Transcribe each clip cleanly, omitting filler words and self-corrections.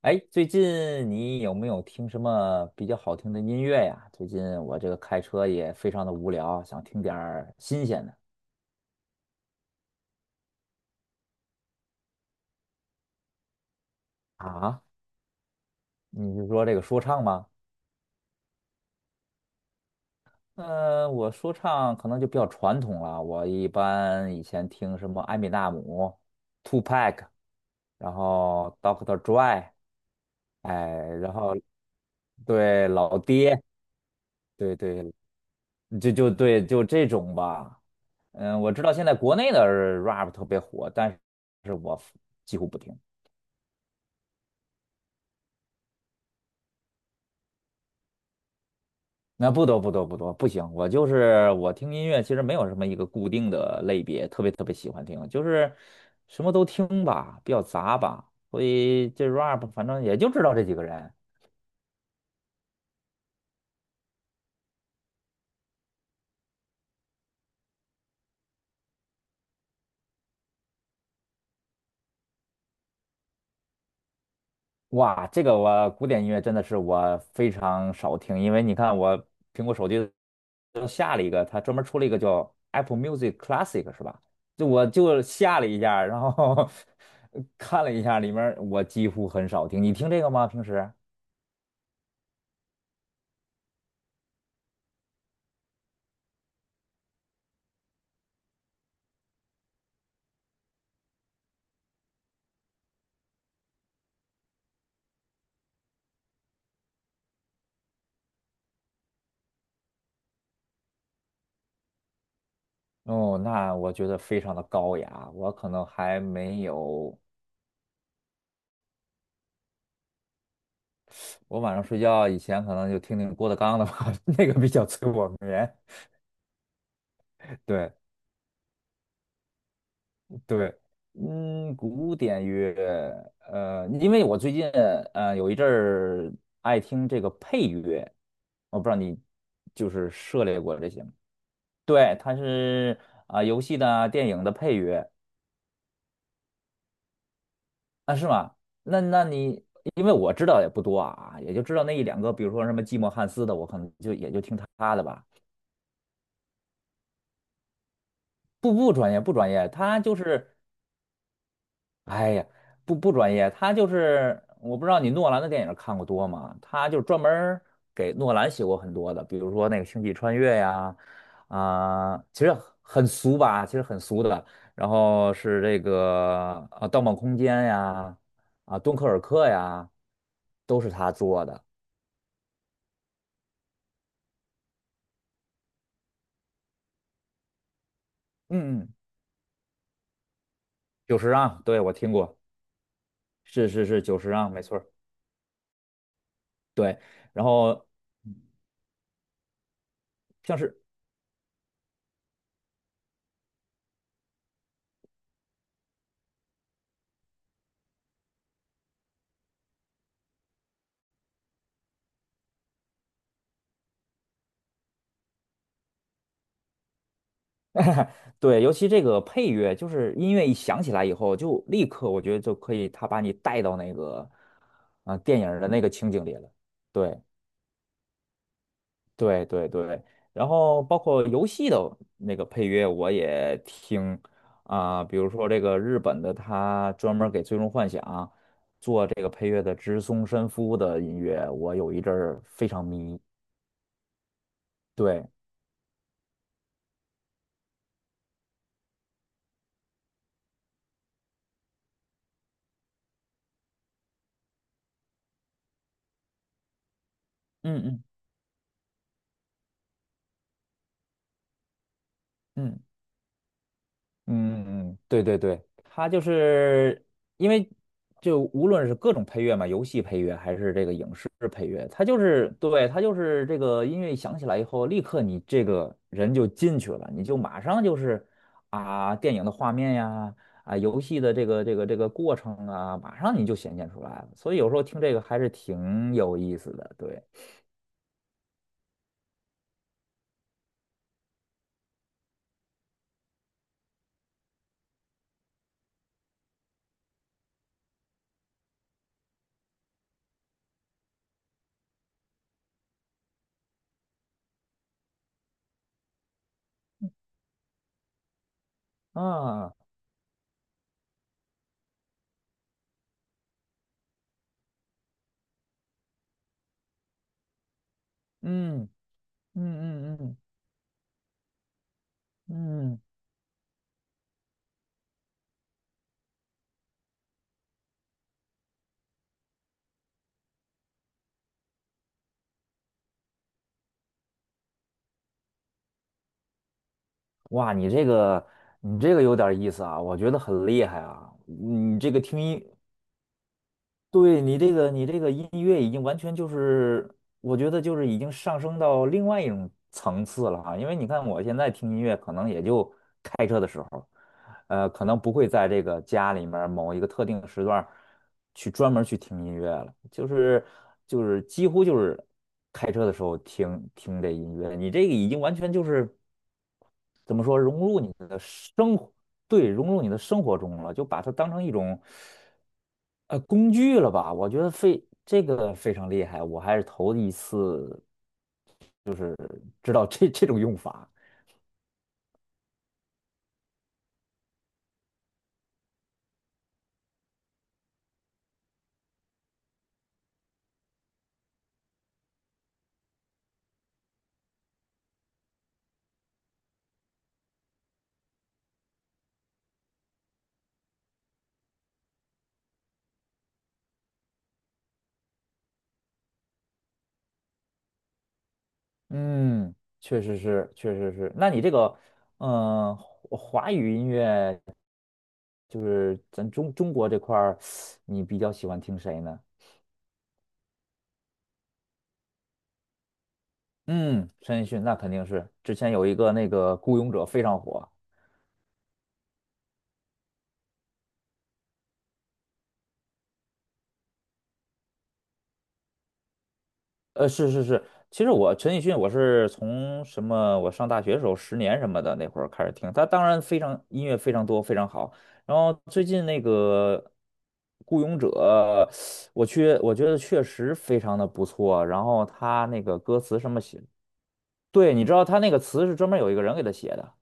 哎，最近你有没有听什么比较好听的音乐呀？最近我这个开车也非常的无聊，想听点儿新鲜的啊。你是说这个说唱吗？我说唱可能就比较传统了。我一般以前听什么艾米纳姆、t w o p a c k 然后 Dr. o o c t Dre，哎，然后对老爹，对对，就对就这种吧。嗯，我知道现在国内的 rap 特别火，但是我几乎不听。那不多不多不多，不行，我就是我听音乐，其实没有什么一个固定的类别，特别特别喜欢听，就是什么都听吧，比较杂吧，所以这 rap 反正也就知道这几个人，哇，这个我古典音乐真的是我非常少听，因为你看我苹果手机都下了一个，它专门出了一个叫 Apple Music Classic 是吧？我就下了一下，然后 看了一下里面儿我几乎很少听。你听这个吗？平时？哦，那我觉得非常的高雅，我可能还没有，我晚上睡觉以前可能就听听郭德纲的吧，那个比较催我眠。对。对，嗯，古典乐，因为我最近有一阵儿爱听这个配乐，我不知道你就是涉猎过这些吗？对，它是啊、游戏的啊、电影的配乐啊，是吗？那你因为我知道也不多啊，也就知道那一两个，比如说什么寂寞汉斯的，我可能也就听他的吧。不不专业，不专业，他就是哎呀，不不专业，他就是我不知道你诺兰的电影看过多吗？他就专门儿给诺兰写过很多的，比如说那个《星际穿越》呀，啊、其实很俗吧，其实很俗的。然后是这个啊，《盗梦空间》呀，啊，《敦刻尔克》呀，都是他做的。嗯嗯，九十让，对，我听过，是是是，九十让，没错儿对，然后像是对，尤其这个配乐，就是音乐一响起来以后，就立刻我觉得就可以，他把你带到那个，啊，电影儿的那个情景里了。对，对，对，对。然后包括游戏的那个配乐，我也听啊、比如说这个日本的，他专门儿给《最终幻想》做这个配乐的植松伸夫的音乐，我有一阵儿非常迷。对，嗯嗯嗯。嗯嗯，对对对，它就是因为就无论是各种配乐嘛，游戏配乐还是这个影视配乐，它就是对它就是这个音乐一响起来以后，立刻你这个人就进去了，你就马上就是啊电影的画面呀，啊游戏的这个过程啊，马上你就显现出来了。所以有时候听这个还是挺有意思的，对啊，嗯嗯嗯嗯嗯。嗯哇，你这个有点意思啊，我觉得很厉害啊。你这个听音，对你这个音乐已经完全就是，我觉得就是已经上升到另外一种层次了啊。因为你看我现在听音乐，可能也就开车的时候，可能不会在这个家里面儿某一个特定的时段儿去专门儿去听音乐了，就是几乎就是开车的时候听听这音乐。你这个已经完全就是。怎么说融入你的生活，对，融入你的生活中了，就把它当成一种工具了吧？我觉得非这个非常厉害，我还是头一次知道这种用法。嗯，确实是，确实是。那你这个，嗯、华语音乐就是咱中国这块儿，你比较喜欢听谁呢？嗯，陈奕迅那肯定是，之前有一个那个《孤勇者》非常火。是是是，其实我陈奕迅我是从什么，我上大学的时候十年什么的那会儿开始听，他当然非常音乐非常多，非常好。然后最近那个《孤勇者》，我去我觉得确实非常的不错。然后他那个歌词什么写，对，你知道他那个词是专门有一个人给他写的，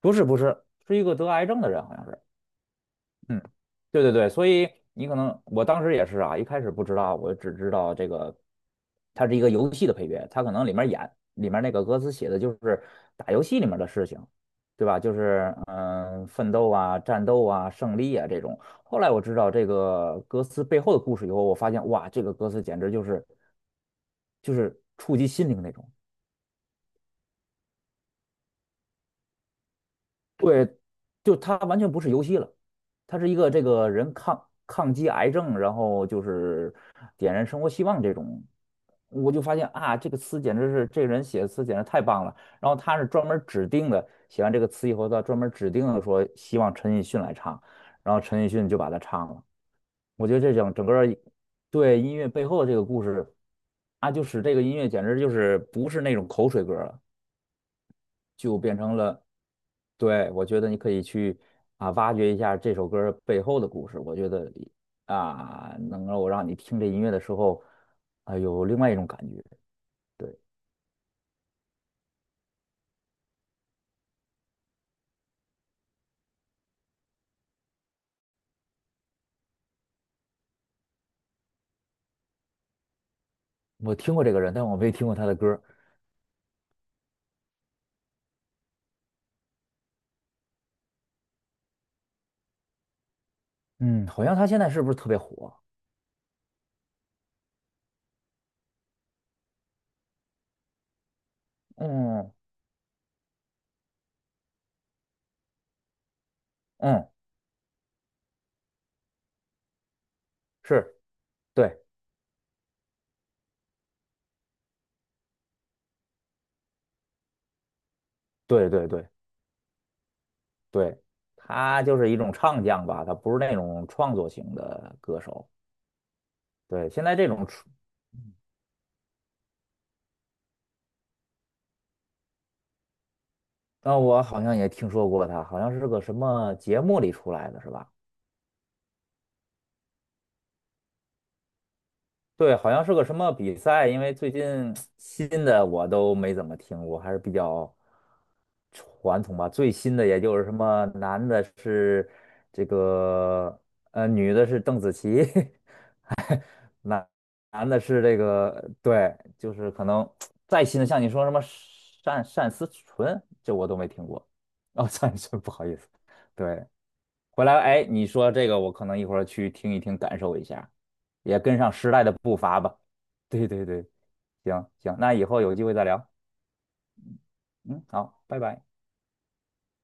不是不是，是一个得癌症的人好像是。嗯，对对对，所以你可能我当时也是啊，一开始不知道，我只知道这个它是一个游戏的配乐，它可能里面那个歌词写的就是打游戏里面的事情，对吧？就是奋斗啊、战斗啊、胜利啊这种。后来我知道这个歌词背后的故事以后，我发现哇，这个歌词简直就是触及心灵那种。对。就他完全不是游戏了，他是一个这个人抗击癌症，然后就是点燃生活希望这种。我就发现啊，这个词简直是这个人写的词简直太棒了。然后他是专门指定的，写完这个词以后，他专门指定的说希望陈奕迅来唱，然后陈奕迅就把它唱了。我觉得这整整个儿对音乐背后的这个故事啊，就使这个音乐简直就是不是那种口水歌了。就变成了，对，我觉得你可以去挖掘一下这首歌背后的故事。我觉得啊，能够让你听这音乐的时候啊，有另外一种感觉。对，我听过这个人，但我没听过他的歌嗯，好像他现在是不是特别火？嗯嗯，是，对对对对对，他就是一种唱将吧，他不是那种创作型的歌手。对，现在这种出，那我好像也听说过他，好像是个什么节目里出来的，是吧？对，好像是个什么比赛，因为最近新的我都没怎么听过，还是比较传统吧。最新的也就是什么男的是这个女的是邓紫棋，男男的是这个对，就是可能再新的像你说什么单思纯，这我都没听过。哦，单思纯，不好意思，对，回来，哎，你说这个，我可能一会儿去听一听，感受一下，也跟上时代的步伐吧。对对对，行行，那以后有机会再聊。嗯，好，拜拜。